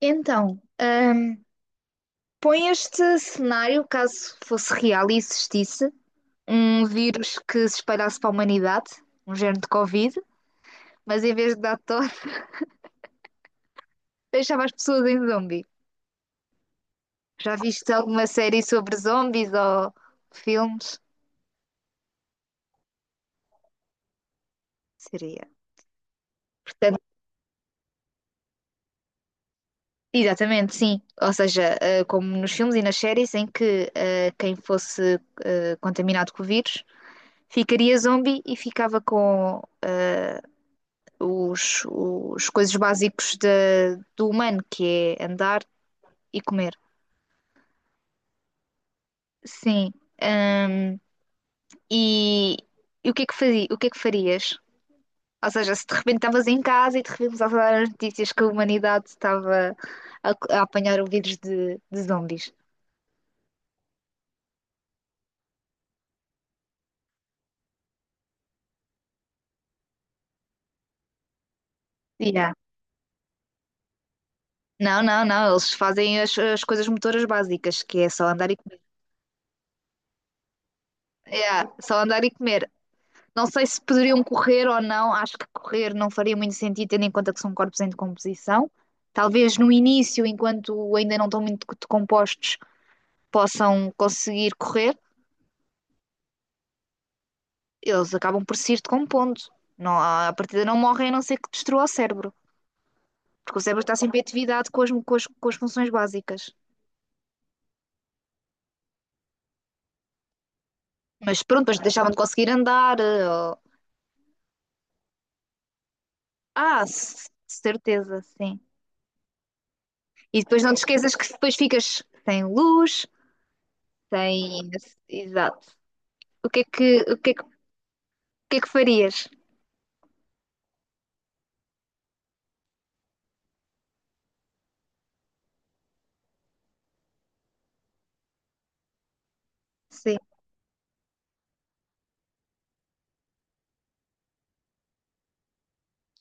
Então, põe este cenário, caso fosse real e existisse, um vírus que se espalhasse para a humanidade, um género de Covid, mas em vez de dar tosse, deixava as pessoas em zombie. Já viste alguma série sobre zombies ou filmes? Seria. Portanto, exatamente, sim. Ou seja, como nos filmes e nas séries em que quem fosse contaminado com o vírus ficaria zombie e ficava com os coisas básicos do humano, que é andar e comer. Sim. Ahm, e, e o que é que fazia, o que é que farias? Ou seja, se de repente estavas em casa e de repente começavas a dar as notícias que a humanidade estava a, a apanhar o vírus de zombies. Yeah. Não, não, não, eles fazem as coisas motoras básicas, que é só andar e comer. Yeah, só andar e comer. Não sei se poderiam correr ou não, acho que correr não faria muito sentido, tendo em conta que são corpos em decomposição. Talvez no início, enquanto ainda não estão muito decompostos, possam conseguir correr, eles acabam por se ir decompondo. Não, a partida não morrem a não ser que destrua o cérebro, porque o cérebro está sempre em atividade com as funções básicas. Mas pronto, depois deixavam de conseguir andar. Ah, certeza, sim. E depois não te esqueças que depois ficas sem luz, sem. Exato. O que é que, o que é que, o que é que farias? Sim.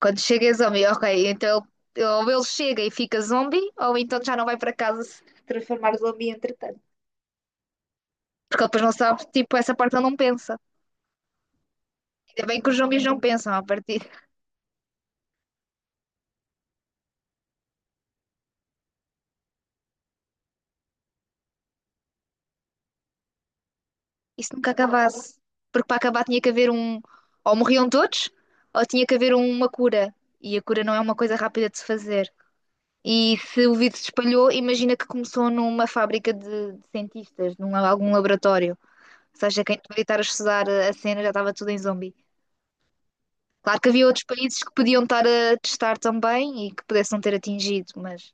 Quando chega zombie, ok, então ou ele chega e fica zombie, ou então já não vai para casa se transformar zombie entretanto. Porque ele depois não sabe, tipo, essa parte ele não pensa. Ainda bem que os zombies não pensam a partir. Isso nunca acabasse. Porque para acabar tinha que haver um. Ou morriam todos, ou tinha que haver uma cura. E a cura não é uma coisa rápida de se fazer. E se o vírus se espalhou, imagina que começou numa fábrica de cientistas, num algum laboratório. Ou seja, quem devia estar a estudar a cena já estava tudo em zombi. Claro que havia outros países que podiam estar a testar também e que pudessem não ter atingido, mas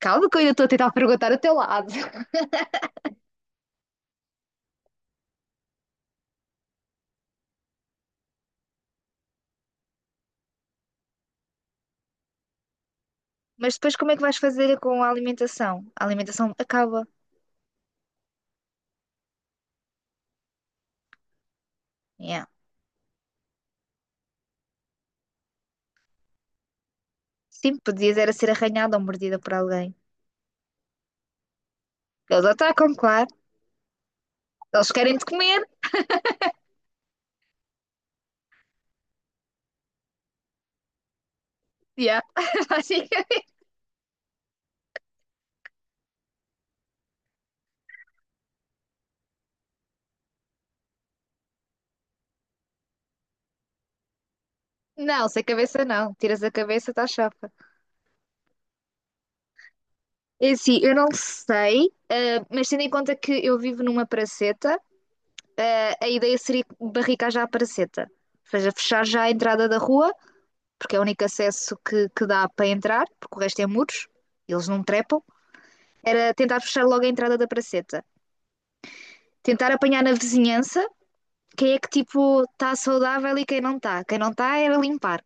calma que eu ainda estou a tentar perguntar ao teu lado. Mas depois como é que vais fazer com a alimentação? A alimentação acaba. Yeah. Sim, podias era ser arranhada ou mordida por alguém. Eles atacam, claro. Eles querem te comer. Yeah. Basicamente. Não, sem cabeça não. Tiras a cabeça, está chapa. É assim, eu não sei, mas tendo em conta que eu vivo numa praceta, a ideia seria barricar já a Paraceta, ou seja, fechar já a entrada da rua, porque é o único acesso que dá para entrar, porque o resto é muros, eles não trepam. Era tentar fechar logo a entrada da Paraceta, tentar apanhar na vizinhança quem é que tipo está saudável e quem não está. Quem não está era limpar.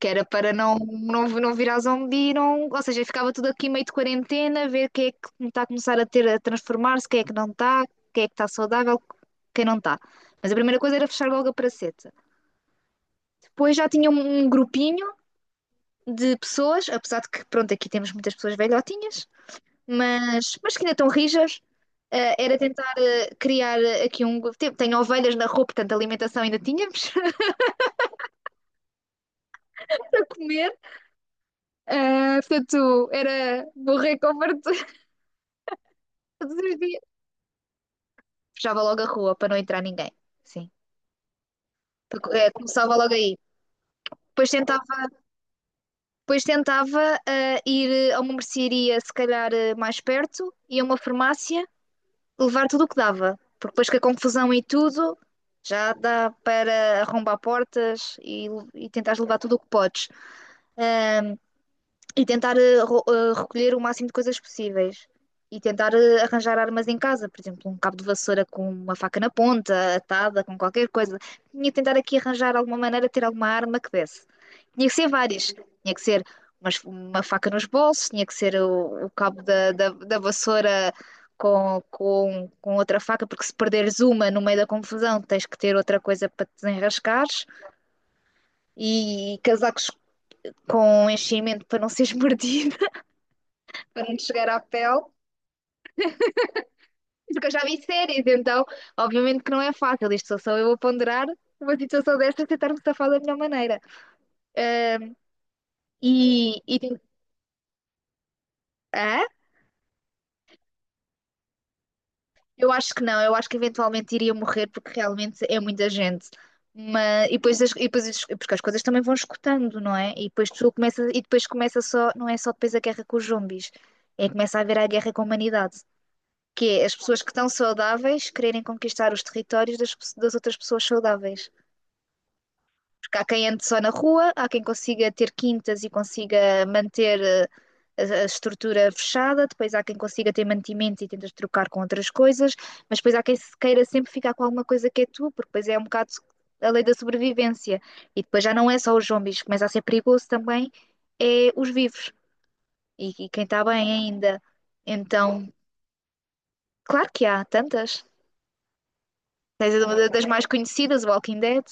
Que era para não virar zombi, não, ou seja, ficava tudo aqui meio de quarentena, ver quem é que está a começar a ter a transformar-se, quem é que não está, quem é que está saudável, quem não está. Mas a primeira coisa era fechar logo a praceta. Depois já tinha um grupinho de pessoas, apesar de que, pronto, aqui temos muitas pessoas velhotinhas, mas que ainda estão rijas. Era tentar criar aqui um. Tenho ovelhas na rua, portanto, alimentação ainda tínhamos para comer. Portanto, era borrei com fartura todos os dias. Fechava logo a rua para não entrar ninguém. Sim. Para começava logo aí. Depois tentava, depois tentava ir a uma mercearia, se calhar mais perto, e a uma farmácia. Levar tudo o que dava, porque depois com a confusão e tudo, já dá para arrombar portas e tentar levar tudo o que podes. Ahm, e tentar recolher o máximo de coisas possíveis. E tentar arranjar armas em casa, por exemplo, um cabo de vassoura com uma faca na ponta, atada, com qualquer coisa. Tinha que tentar aqui arranjar alguma maneira de ter alguma arma que desse. Tinha que ser várias. Tinha que ser uma faca nos bolsos, tinha que ser o cabo da vassoura com outra faca, porque se perderes uma no meio da confusão, tens que ter outra coisa para te desenrascares. E casacos com enchimento para não seres mordido para antes chegar à pele, porque eu já vi séries, então obviamente que não é fácil. Isto sou só eu a ponderar uma situação desta e tentar me safar da melhor maneira. Ahm, e, e tem- Hã? Eu acho que não, eu acho que eventualmente iria morrer porque realmente é muita gente. Mas, e depois, porque as coisas também vão escutando, não é? E depois tu começa, e depois começa só, não é só depois a guerra com os zombies, é que começa a haver a guerra com a humanidade, que é as pessoas que estão saudáveis quererem conquistar os territórios das outras pessoas saudáveis. Porque há quem ande só na rua, há quem consiga ter quintas e consiga manter a estrutura fechada, depois há quem consiga ter mantimentos e tentas trocar com outras coisas, mas depois há quem se queira sempre ficar com alguma coisa que é tu, porque depois é um bocado a lei da sobrevivência. E depois já não é só os zombies, começa a ser perigoso também, é os vivos e quem está bem ainda. Então, claro que há tantas. Tens uma das mais conhecidas, Walking Dead.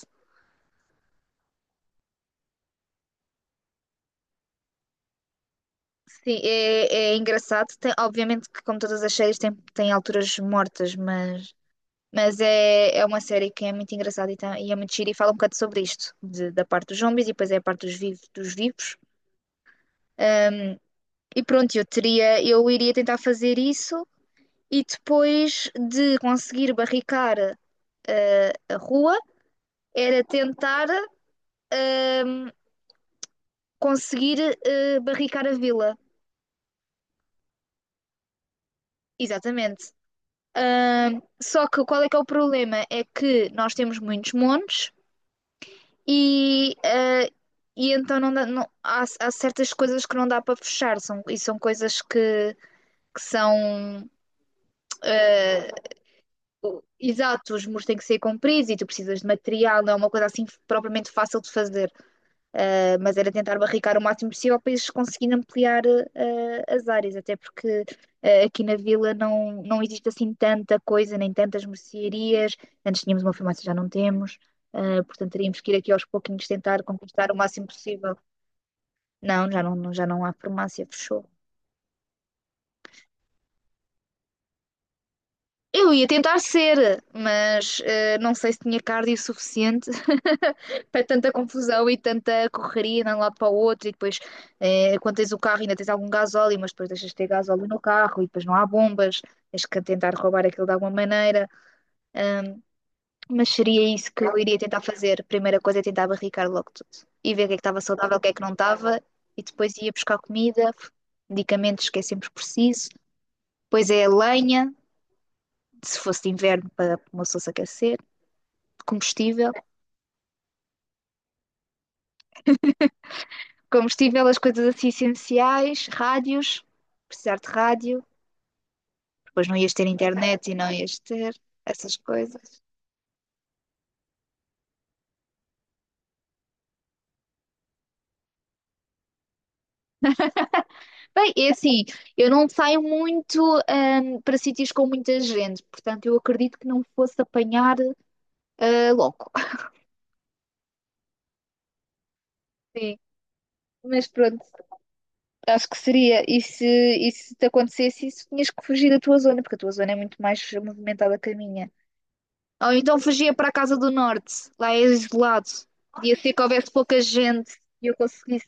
Sim, é engraçado. Obviamente que, como todas as séries, tem alturas mortas, mas é uma série que é muito engraçada e é muito gira e fala um bocado sobre isto, da parte dos zombies e depois é a parte dos vivos, dos vivos. E pronto, eu iria tentar fazer isso e depois de conseguir barricar a rua, era tentar ehm, conseguir barricar a vila. Exatamente. Só que qual é que é o problema? É que nós temos muitos montes e, ah, e então há certas coisas que não dá para fechar são, e são coisas que são ah, exato, os muros têm que ser compridos e tu precisas de material, não é uma coisa assim propriamente fácil de fazer. Mas era tentar barricar o máximo possível para eles conseguirem ampliar as áreas, até porque aqui na vila não existe assim tanta coisa, nem tantas mercearias. Antes tínhamos uma farmácia, já não temos, portanto teríamos que ir aqui aos pouquinhos tentar conquistar o máximo possível. Não, já não, já não há farmácia, fechou. Eu ia tentar ser, mas não sei se tinha cardio suficiente para tanta confusão e tanta correria de um lado para o outro. E depois, quando tens o carro, ainda tens algum gasóleo, mas depois deixas de ter gasóleo no carro e depois não há bombas. Tens que tentar roubar aquilo de alguma maneira. Mas seria isso que eu iria tentar fazer. Primeira coisa é tentar barricar logo tudo e ver o que é que estava saudável, o que é que não estava. E depois ia buscar comida, medicamentos que é sempre preciso. Depois é a lenha, se fosse de inverno, para uma pessoa se aquecer. Combustível, combustível, as coisas assim essenciais, rádios, precisar de rádio, depois não ias ter internet e não ias ter essas coisas. Bem, é assim, eu não saio muito para sítios com muita gente, portanto eu acredito que não fosse apanhar logo. Sim. Mas pronto, acho que seria. E se te acontecesse isso, tinhas que fugir da tua zona, porque a tua zona é muito mais movimentada que a minha. Ou então fugia para a Casa do Norte, lá é isolado. Podia ser que houvesse pouca gente e eu conseguisse.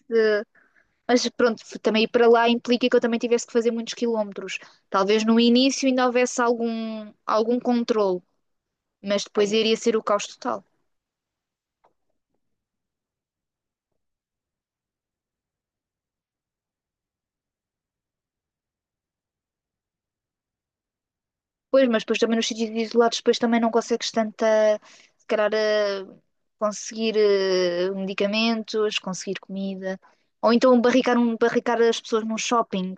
Mas pronto, também ir para lá implica que eu também tivesse que fazer muitos quilómetros. Talvez no início ainda houvesse algum controle, mas depois iria ser o caos total. Pois, mas depois também nos sítios isolados, depois também não consegues tanta. Se calhar, conseguir medicamentos, conseguir comida. Ou então barricar as pessoas num shopping.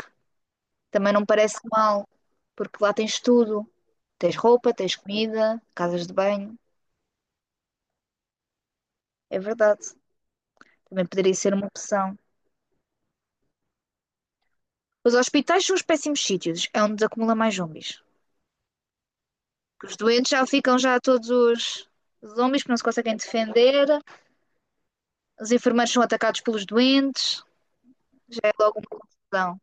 Também não me parece mal, porque lá tens tudo. Tens roupa, tens comida, casas de banho. É verdade. Também poderia ser uma opção. Os hospitais são os péssimos sítios. É onde acumula mais zombies. Que os doentes já ficam já todos os zombies que não se conseguem defender. Os enfermeiros são atacados pelos doentes. Já é logo uma confusão.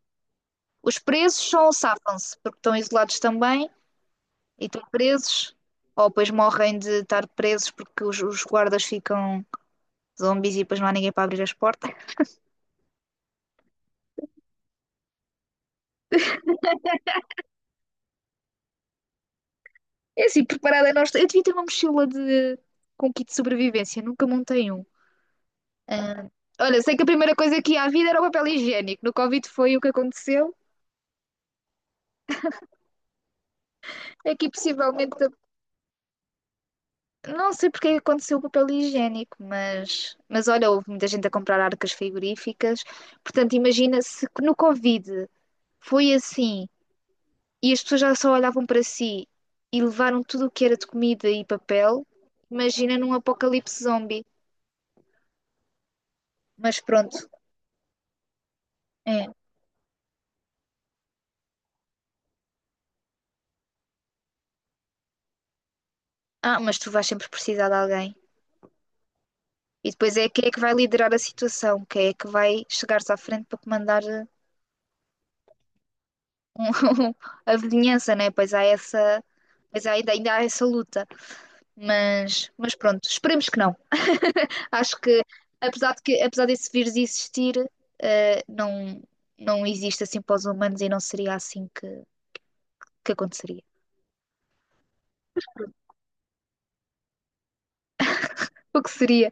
Os presos são safam-se porque estão isolados também e estão presos. Ou depois morrem de estar presos porque os guardas ficam zombies e depois não há ninguém para abrir as portas. É assim, preparada nós. Eu devia ter uma mochila com kit de sobrevivência, nunca montei um. Olha, sei que a primeira coisa que ia à vida era o papel higiênico. No Covid foi o que aconteceu. Aqui possivelmente, não sei porque é que aconteceu o papel higiênico, mas olha, houve muita gente a comprar arcas frigoríficas. Portanto, imagina se que no Covid foi assim e as pessoas já só olhavam para si e levaram tudo o que era de comida e papel. Imagina num apocalipse zombie. Mas pronto, é. Ah, mas tu vais sempre precisar de alguém. E depois é quem é que vai liderar a situação, quem é que vai chegar-se à frente para comandar um- a vizinhança, né? Pois há essa, ainda há essa luta. Mas pronto, esperemos que não. Acho que apesar desse vírus existir, eh, não, não existe assim para os humanos e não seria assim que aconteceria. O que seria?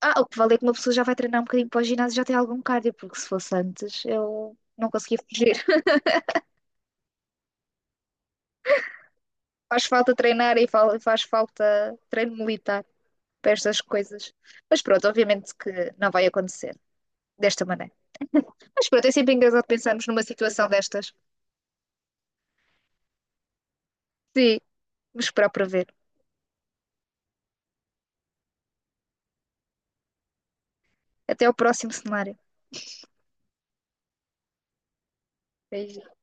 Ah, o que vale é que uma pessoa já vai treinar um bocadinho para o ginásio e já tem algum cardio, porque se fosse antes eu não conseguia fugir. Faz falta treinar e faz falta treino militar. Para estas coisas. Mas pronto, obviamente que não vai acontecer desta maneira. Mas pronto, é sempre engraçado pensarmos numa situação destas. Sim, vamos esperar para ver. Até ao próximo cenário. Beijinhos.